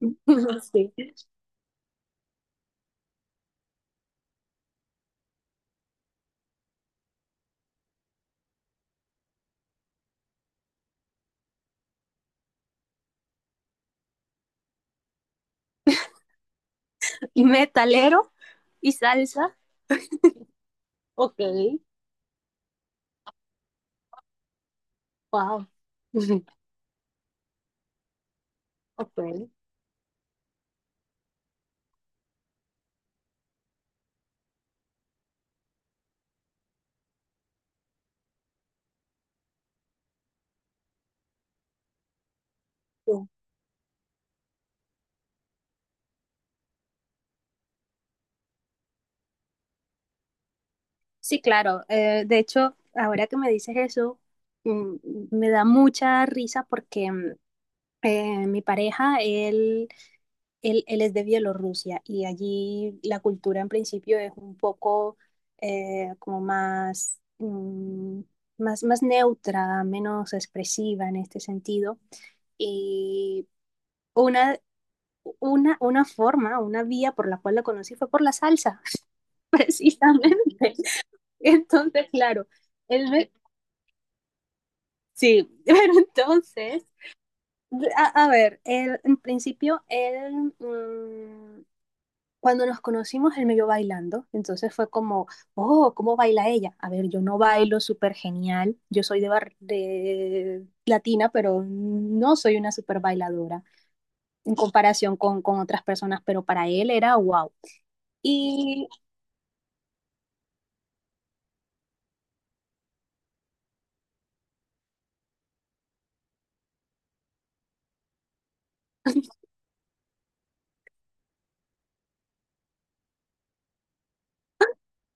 Sí. Y metalero y salsa. Ok, wow. Ok. Sí. Sí, claro. De hecho, ahora que me dices eso, mm, me da mucha risa porque mi pareja, él es de Bielorrusia y allí la cultura en principio es un poco como más, más neutra, menos expresiva en este sentido. Y una, una forma, una vía por la cual la conocí fue por la salsa, precisamente. Entonces, claro, él me- sí, pero entonces, a ver, en principio, él, cuando nos conocimos, él me vio bailando, entonces fue como, oh, ¿cómo baila ella? A ver, yo no bailo súper genial, yo soy de, de latina, pero no soy una súper bailadora en comparación con otras personas, pero para él era wow. Y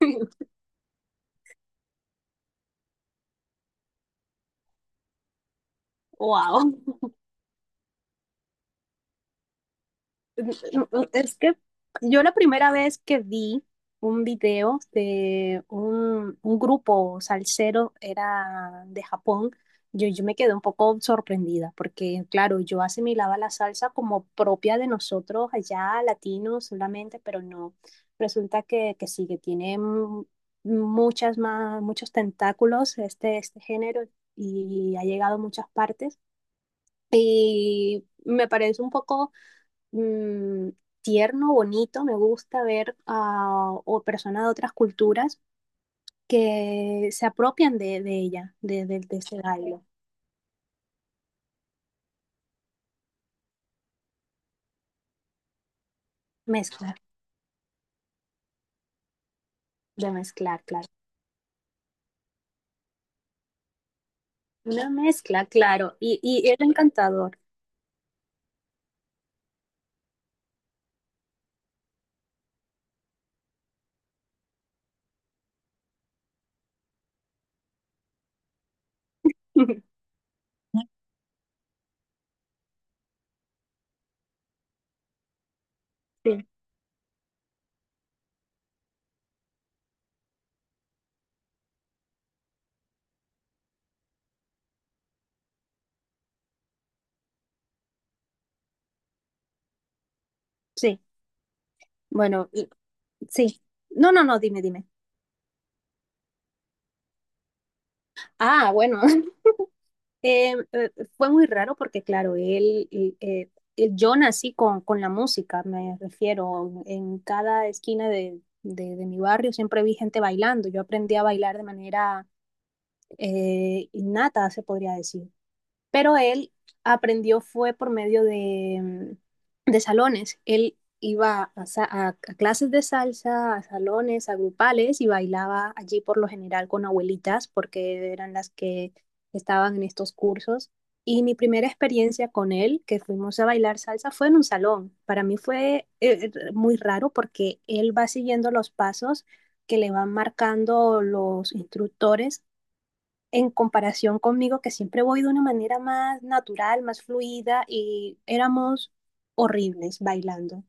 wow. Es que yo la primera vez que vi un video de un grupo salsero era de Japón. Yo me quedé un poco sorprendida porque, claro, yo asimilaba la salsa como propia de nosotros allá, latinos solamente, pero no. Resulta que sí, que tiene muchas más, muchos tentáculos este, este género y ha llegado a muchas partes. Y me parece un poco mm, tierno, bonito. Me gusta ver a o personas de otras culturas que se apropian de ella, de ese baile. Mezclar, de mezclar, claro. Una mezcla, claro. Y era encantador. Sí, sí. Bueno, y- sí. No, no, no, dime, dime. Ah, bueno. Eh, eh, Fue muy raro porque, claro, él- yo nací con la música, me refiero, en cada esquina de, de mi barrio siempre vi gente bailando, yo aprendí a bailar de manera innata, se podría decir, pero él aprendió fue por medio de, de salones. Él iba a, a clases de salsa, a salones, a grupales y bailaba allí por lo general con abuelitas porque eran las que estaban en estos cursos. Y mi primera experiencia con él, que fuimos a bailar salsa, fue en un salón. Para mí fue muy raro porque él va siguiendo los pasos que le van marcando los instructores en comparación conmigo, que siempre voy de una manera más natural, más fluida, y éramos horribles bailando.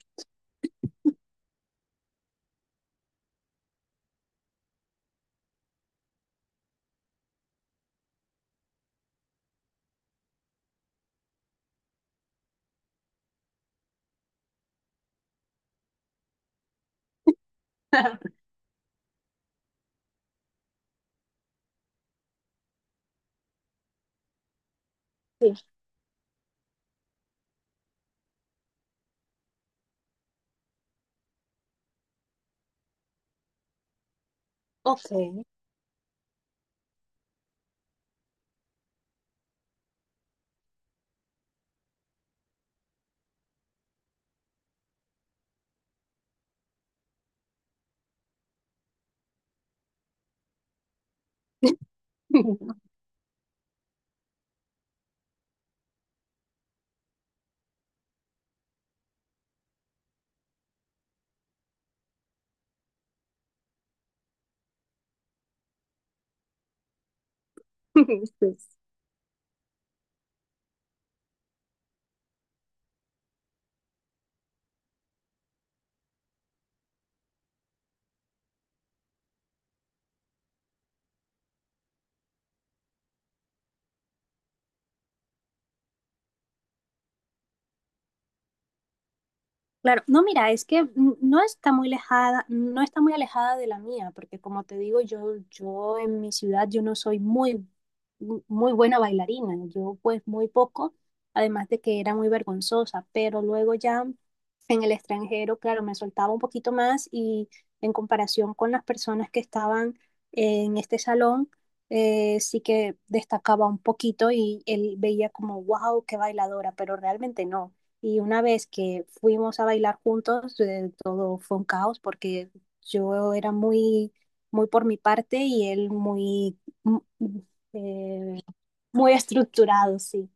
Sí. Ok. Sí. Claro, no, mira, es que no está muy alejada, no está muy alejada de la mía, porque como te digo, yo en mi ciudad yo no soy muy, muy buena bailarina, yo pues muy poco, además de que era muy vergonzosa, pero luego ya en el extranjero, claro, me soltaba un poquito más y en comparación con las personas que estaban en este salón, sí que destacaba un poquito y él veía como, wow, qué bailadora, pero realmente no. Y una vez que fuimos a bailar juntos, todo fue un caos porque yo era muy, muy por mi parte y él muy, mm, eh, muy estructurado, sí.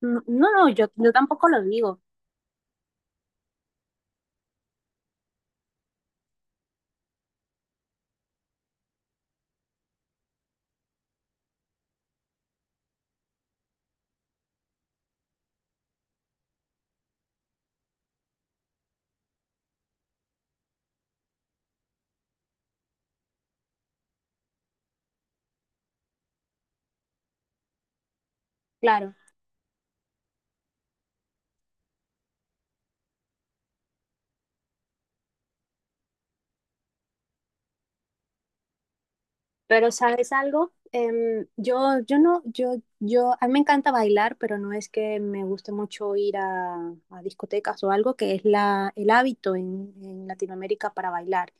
No, no, no, yo tampoco lo digo, claro. Pero ¿sabes algo? Yo, yo no, yo, a mí me encanta bailar, pero no es que me guste mucho ir a discotecas o algo, que es la, el hábito en Latinoamérica para bailar.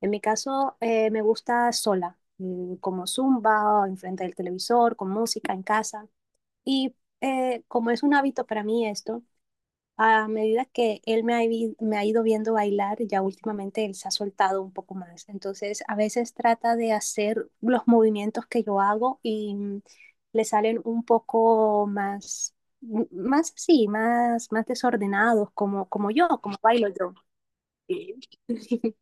En mi caso, me gusta sola, como zumba, o enfrente del televisor, con música en casa. Y como es un hábito para mí esto, a medida que él me ha, me ha ido viendo bailar, ya últimamente él se ha soltado un poco más. Entonces, a veces trata de hacer los movimientos que yo hago y le salen un poco más, más así, más, más desordenados, como, como yo, como bailo yo. Sí,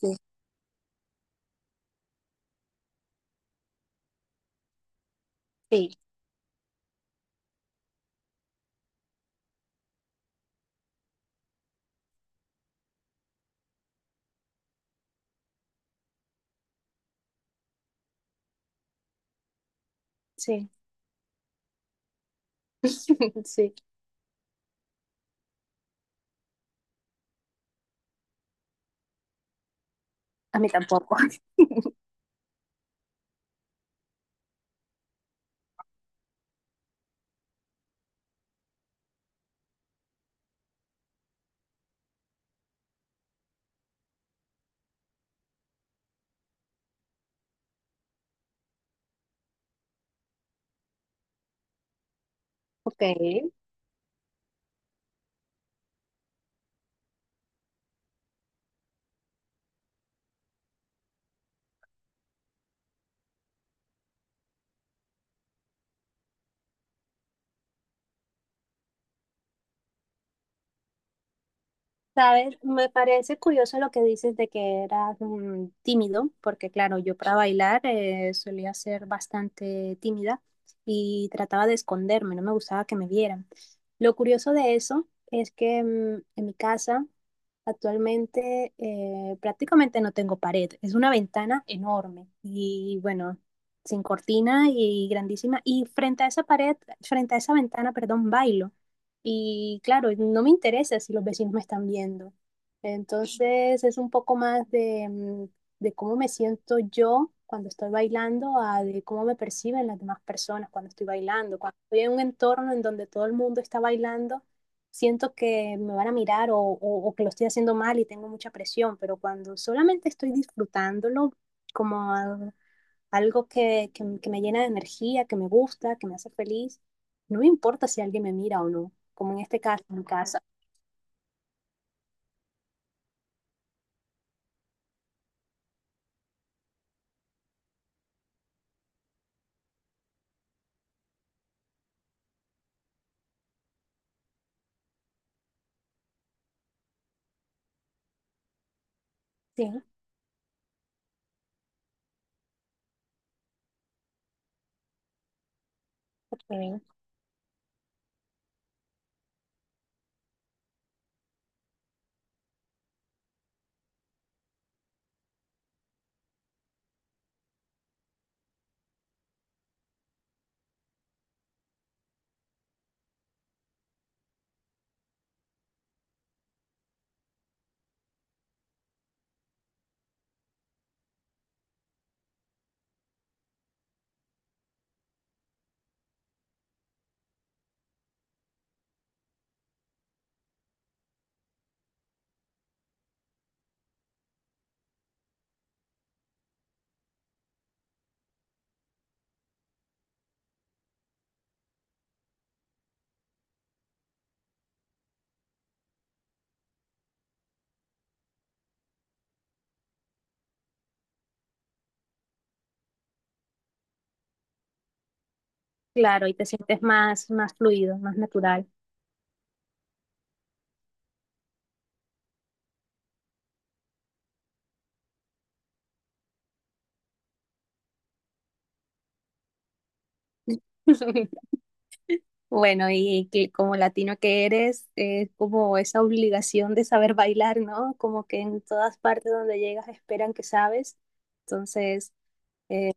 sí, sí, sí. Sí. A mí tampoco. Ok. Sabes, me parece curioso lo que dices de que eras tímido, porque claro, yo para bailar solía ser bastante tímida y trataba de esconderme, no me gustaba que me vieran. Lo curioso de eso es que en mi casa actualmente prácticamente no tengo pared, es una ventana enorme y bueno, sin cortina y grandísima. Y frente a esa pared, frente a esa ventana, perdón, bailo. Y claro, no me interesa si los vecinos me están viendo. Entonces es un poco más de, de cómo me siento yo cuando estoy bailando a de cómo me perciben las demás personas cuando estoy bailando. Cuando estoy en un entorno en donde todo el mundo está bailando, siento que me van a mirar o que lo estoy haciendo mal y tengo mucha presión, pero cuando solamente estoy disfrutándolo, como algo que me llena de energía, que me gusta, que me hace feliz. No me importa si alguien me mira o no, como en este caso, en casa. Sí, ok. Claro, y te sientes más, más fluido, más natural. Bueno, y que como latino que eres, es como esa obligación de saber bailar, ¿no? Como que en todas partes donde llegas esperan que sabes. Entonces, eh,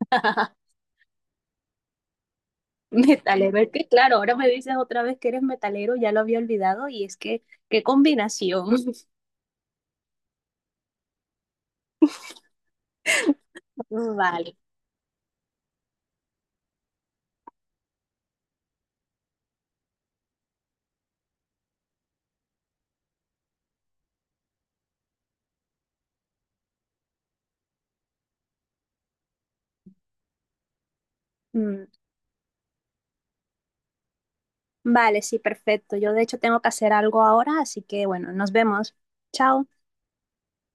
metalero, es que claro, ahora me dices otra vez que eres metalero, ya lo había olvidado y es que, qué combinación. Vale. Mm, vale, sí, perfecto. Yo de hecho tengo que hacer algo ahora, así que bueno, nos vemos. Chao.